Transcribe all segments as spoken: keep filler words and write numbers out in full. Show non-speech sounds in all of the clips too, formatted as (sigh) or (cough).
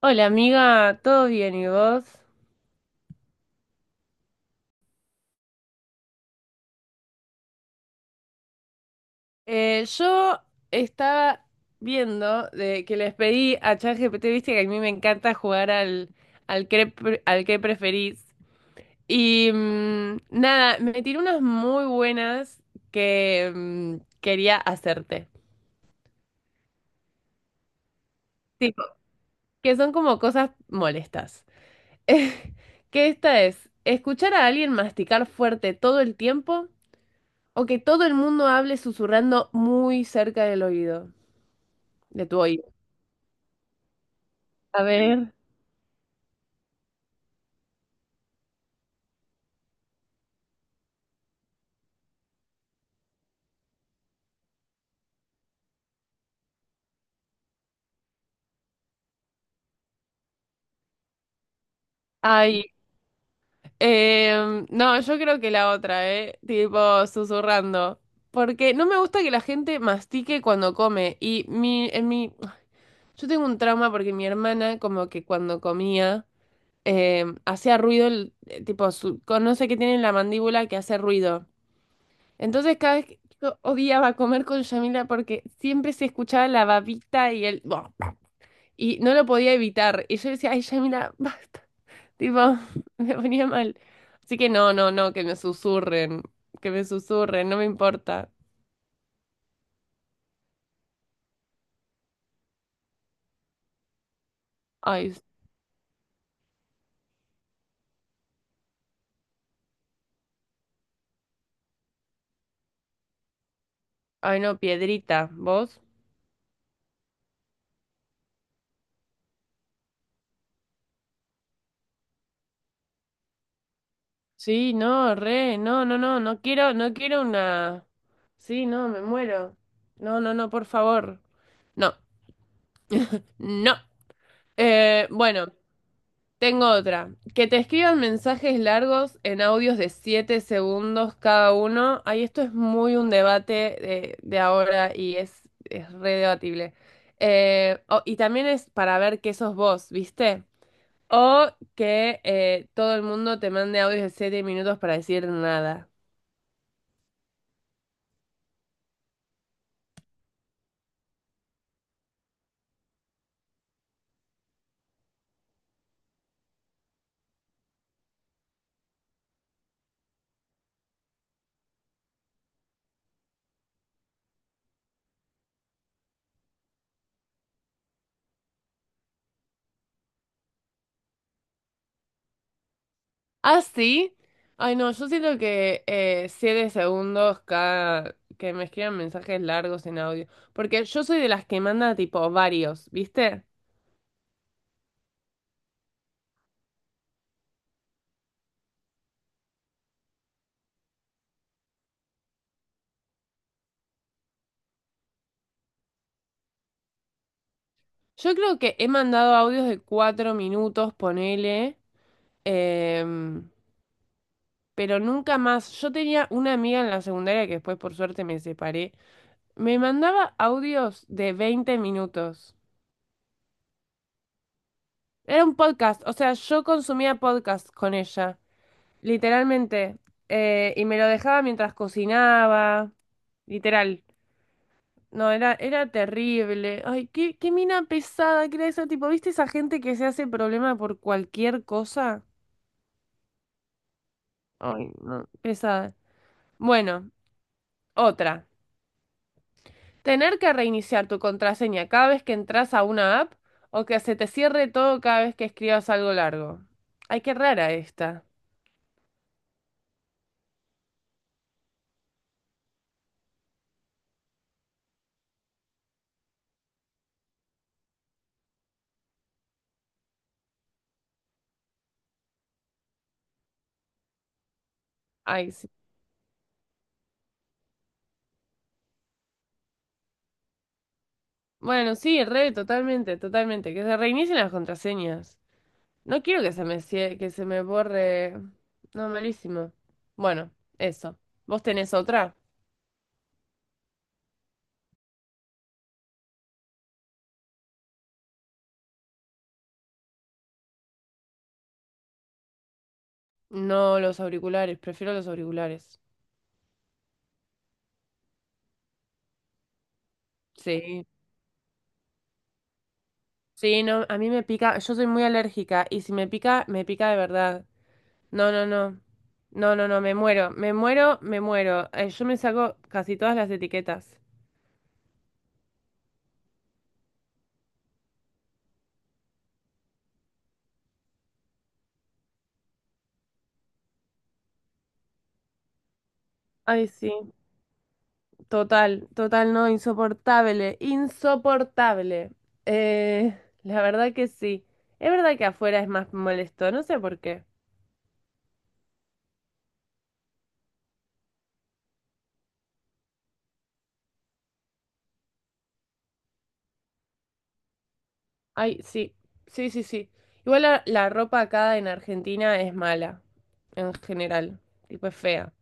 Hola amiga, ¿todo bien y vos? Eh, yo estaba viendo de que les pedí a ChatGPT, viste que a mí me encanta jugar al, al que, pre- al que preferís. Y mm, nada, me tiró unas muy buenas que mm, quería hacerte. Tipo, que son como cosas molestas. (laughs) Que esta es, escuchar a alguien masticar fuerte todo el tiempo o que todo el mundo hable susurrando muy cerca del oído, de tu oído. A ver. Ay. Em, no, yo creo que la otra, ¿eh? Tipo, susurrando. Porque no me gusta que la gente mastique cuando come. Y mi, en mi, yo tengo un trauma porque mi hermana, como que cuando comía, em, hacía ruido, el, eh, tipo, su, con- no sé qué tiene en la mandíbula que hace ruido. Entonces, cada vez que yo odiaba comer con Yamila porque siempre se escuchaba la babita y el. Y no lo podía evitar. Y yo decía, ay, Yamila, basta. Tipo, (laughs) me ponía mal. Así que no, no, no, que me susurren, que me susurren, no me importa. Ay, s- ay, no, piedrita, ¿vos? Sí, no, re, no, no, no, no quiero, no quiero una. Sí, no, me muero. No, no, no, por favor. No, no. Eh, bueno. Tengo otra. Que te escriban mensajes largos en audios de siete segundos cada uno. Ay, esto es muy un debate de, de ahora y es, es re debatible. Eh, o- y también es para ver qué sos vos, ¿viste? O que eh, todo el mundo te mande audios de siete minutos para decir nada. ¿Ah, sí? Ay, no, yo siento que eh, siete segundos cada... que me escriban mensajes largos en audio. Porque yo soy de las que manda tipo varios, ¿viste? Yo creo que he mandado audios de cuatro minutos, ponele, em, pero nunca más. Yo tenía una amiga en la secundaria que después por suerte me separé. Me mandaba audios de veinte minutos. Era un podcast, o sea, yo consumía podcast con ella, literalmente. Eh, y me lo dejaba mientras cocinaba, literal. No, era, era terrible. Ay, qué, qué mina pesada que era esa, tipo, ¿viste esa gente que se hace problema por cualquier cosa? Ay, no, pesada. Bueno, otra. Tener que reiniciar tu contraseña cada vez que entras a una app o que se te cierre todo cada vez que escribas algo largo. Ay, qué rara esta. Ay, sí. Bueno, sí, re, totalmente, totalmente. Que se reinicien las contraseñas. No quiero que se me, cie- que se me borre. No, malísimo. Bueno, eso. ¿Vos tenés otra? No los auriculares, prefiero los auriculares. Sí. Sí, no, a mí me pica, yo soy muy alérgica y si me pica, me pica de verdad. No, no, no. No, no, no, me muero, me muero, me muero. Eh, yo me saco casi todas las etiquetas. Ay, sí, total, total, no, insoportable, insoportable. Eh, la verdad que sí. Es verdad que afuera es más molesto, no sé por qué. Ay, sí, sí, sí, sí. Igual la, la ropa acá en Argentina es mala, en general, tipo es fea.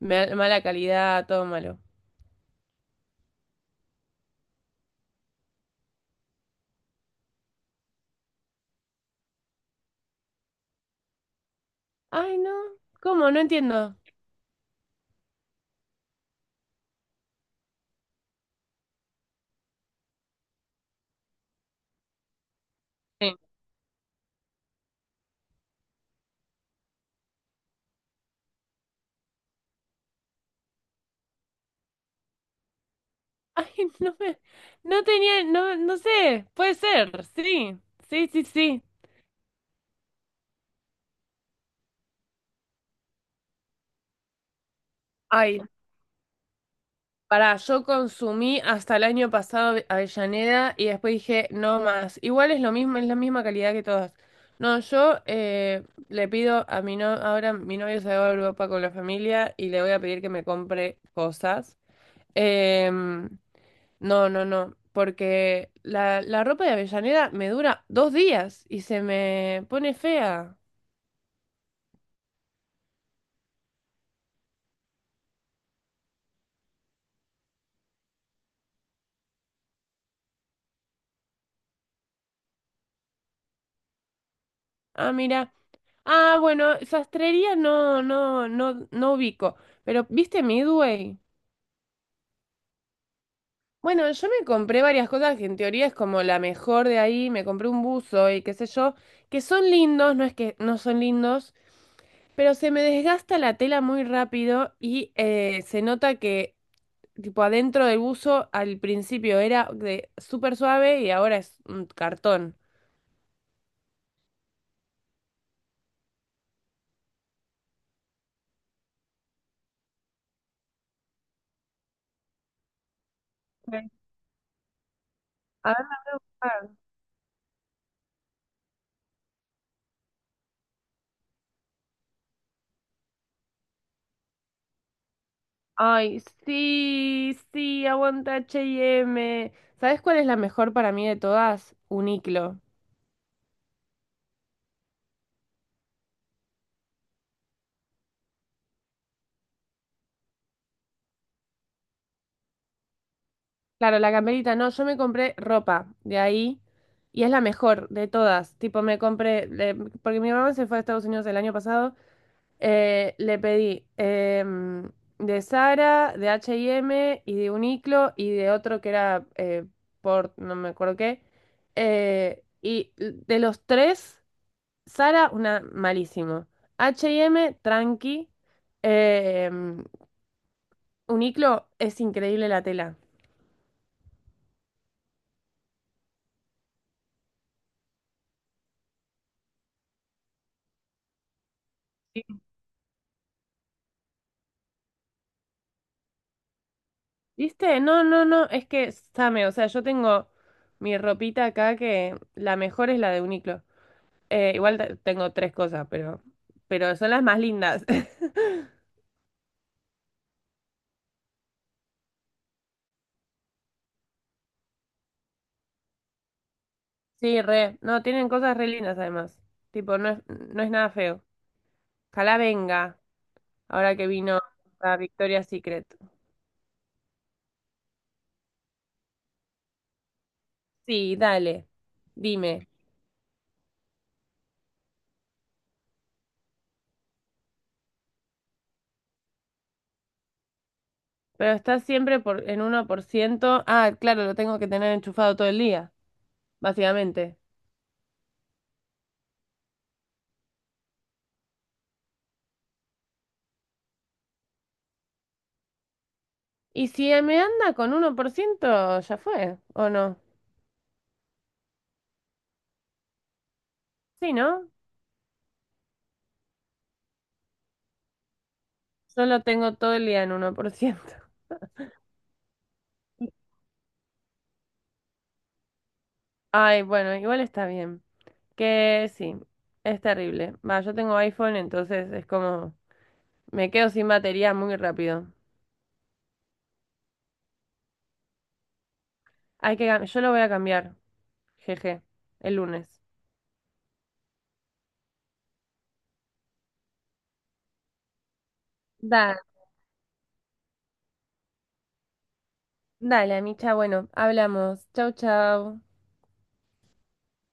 Ma- Mala calidad, todo malo. Ay, no. ¿Cómo? No entiendo. Sí. Ay, (laughs) no me... No tenía... No, no sé. Puede ser. Sí. Sí, sí, sí. Ay, pará. Yo consumí hasta el año pasado Avellaneda y después dije, no más. Igual es lo mismo, es la misma calidad que todas. No, yo eh, le pido a mi no... Ahora mi novio se va a Europa con la familia y le voy a pedir que me compre cosas. Em, No, no, no, porque la, la ropa de Avellaneda me dura dos días y se me pone fea. Ah, mira. Ah, bueno, sastrería no, no, no, no ubico. Pero, ¿viste Midway? Bueno, yo me compré varias cosas que en teoría es como la mejor de ahí. Me compré un buzo y qué sé yo, que son lindos, no es que no son lindos, pero se me desgasta la tela muy rápido y eh, se nota que, tipo, adentro del buzo al principio era de súper suave y ahora es un cartón. Sí. A ver, a ver. Ay, sí, sí, aguanta H y M. ¿Sabes cuál es la mejor para mí de todas? Uniqlo. Claro, la camperita, no, yo me compré ropa de ahí y es la mejor de todas. Tipo, me compré, le- porque mi mamá se fue a Estados Unidos el año pasado. Eh, le pedí em, de Zara, de H y M y M y de Uniqlo y de otro que era eh, por no me acuerdo qué. Eh, y de los tres, Zara, una malísimo. H y M, tranqui. Em, Uniqlo es increíble la tela. ¿Viste? No, no, no, es que, Same, o sea, yo tengo mi ropita acá que la mejor es la de Uniqlo. Eh, igual te- tengo tres cosas, pero, pero, son las más lindas. (laughs) Sí, re. No, tienen cosas re lindas además. Tipo, no es, no es nada feo. Ojalá venga, ahora que vino a Victoria's Secret. Sí, dale. Dime. Pero está siempre por, en uno por ciento. Ah, claro, lo tengo que tener enchufado todo el día, básicamente. Y si me anda con uno por ciento ya fue, ¿o no? Sí, ¿no? Yo lo tengo todo el día en uno por ciento (laughs) Ay, bueno, igual está bien. Que sí, es terrible. Va, yo tengo iPhone, entonces es como, me quedo sin batería muy rápido. Hay que, cam- yo lo voy a cambiar, jeje, el lunes. Da, dale, Micha, bueno, hablamos. Chau, chau.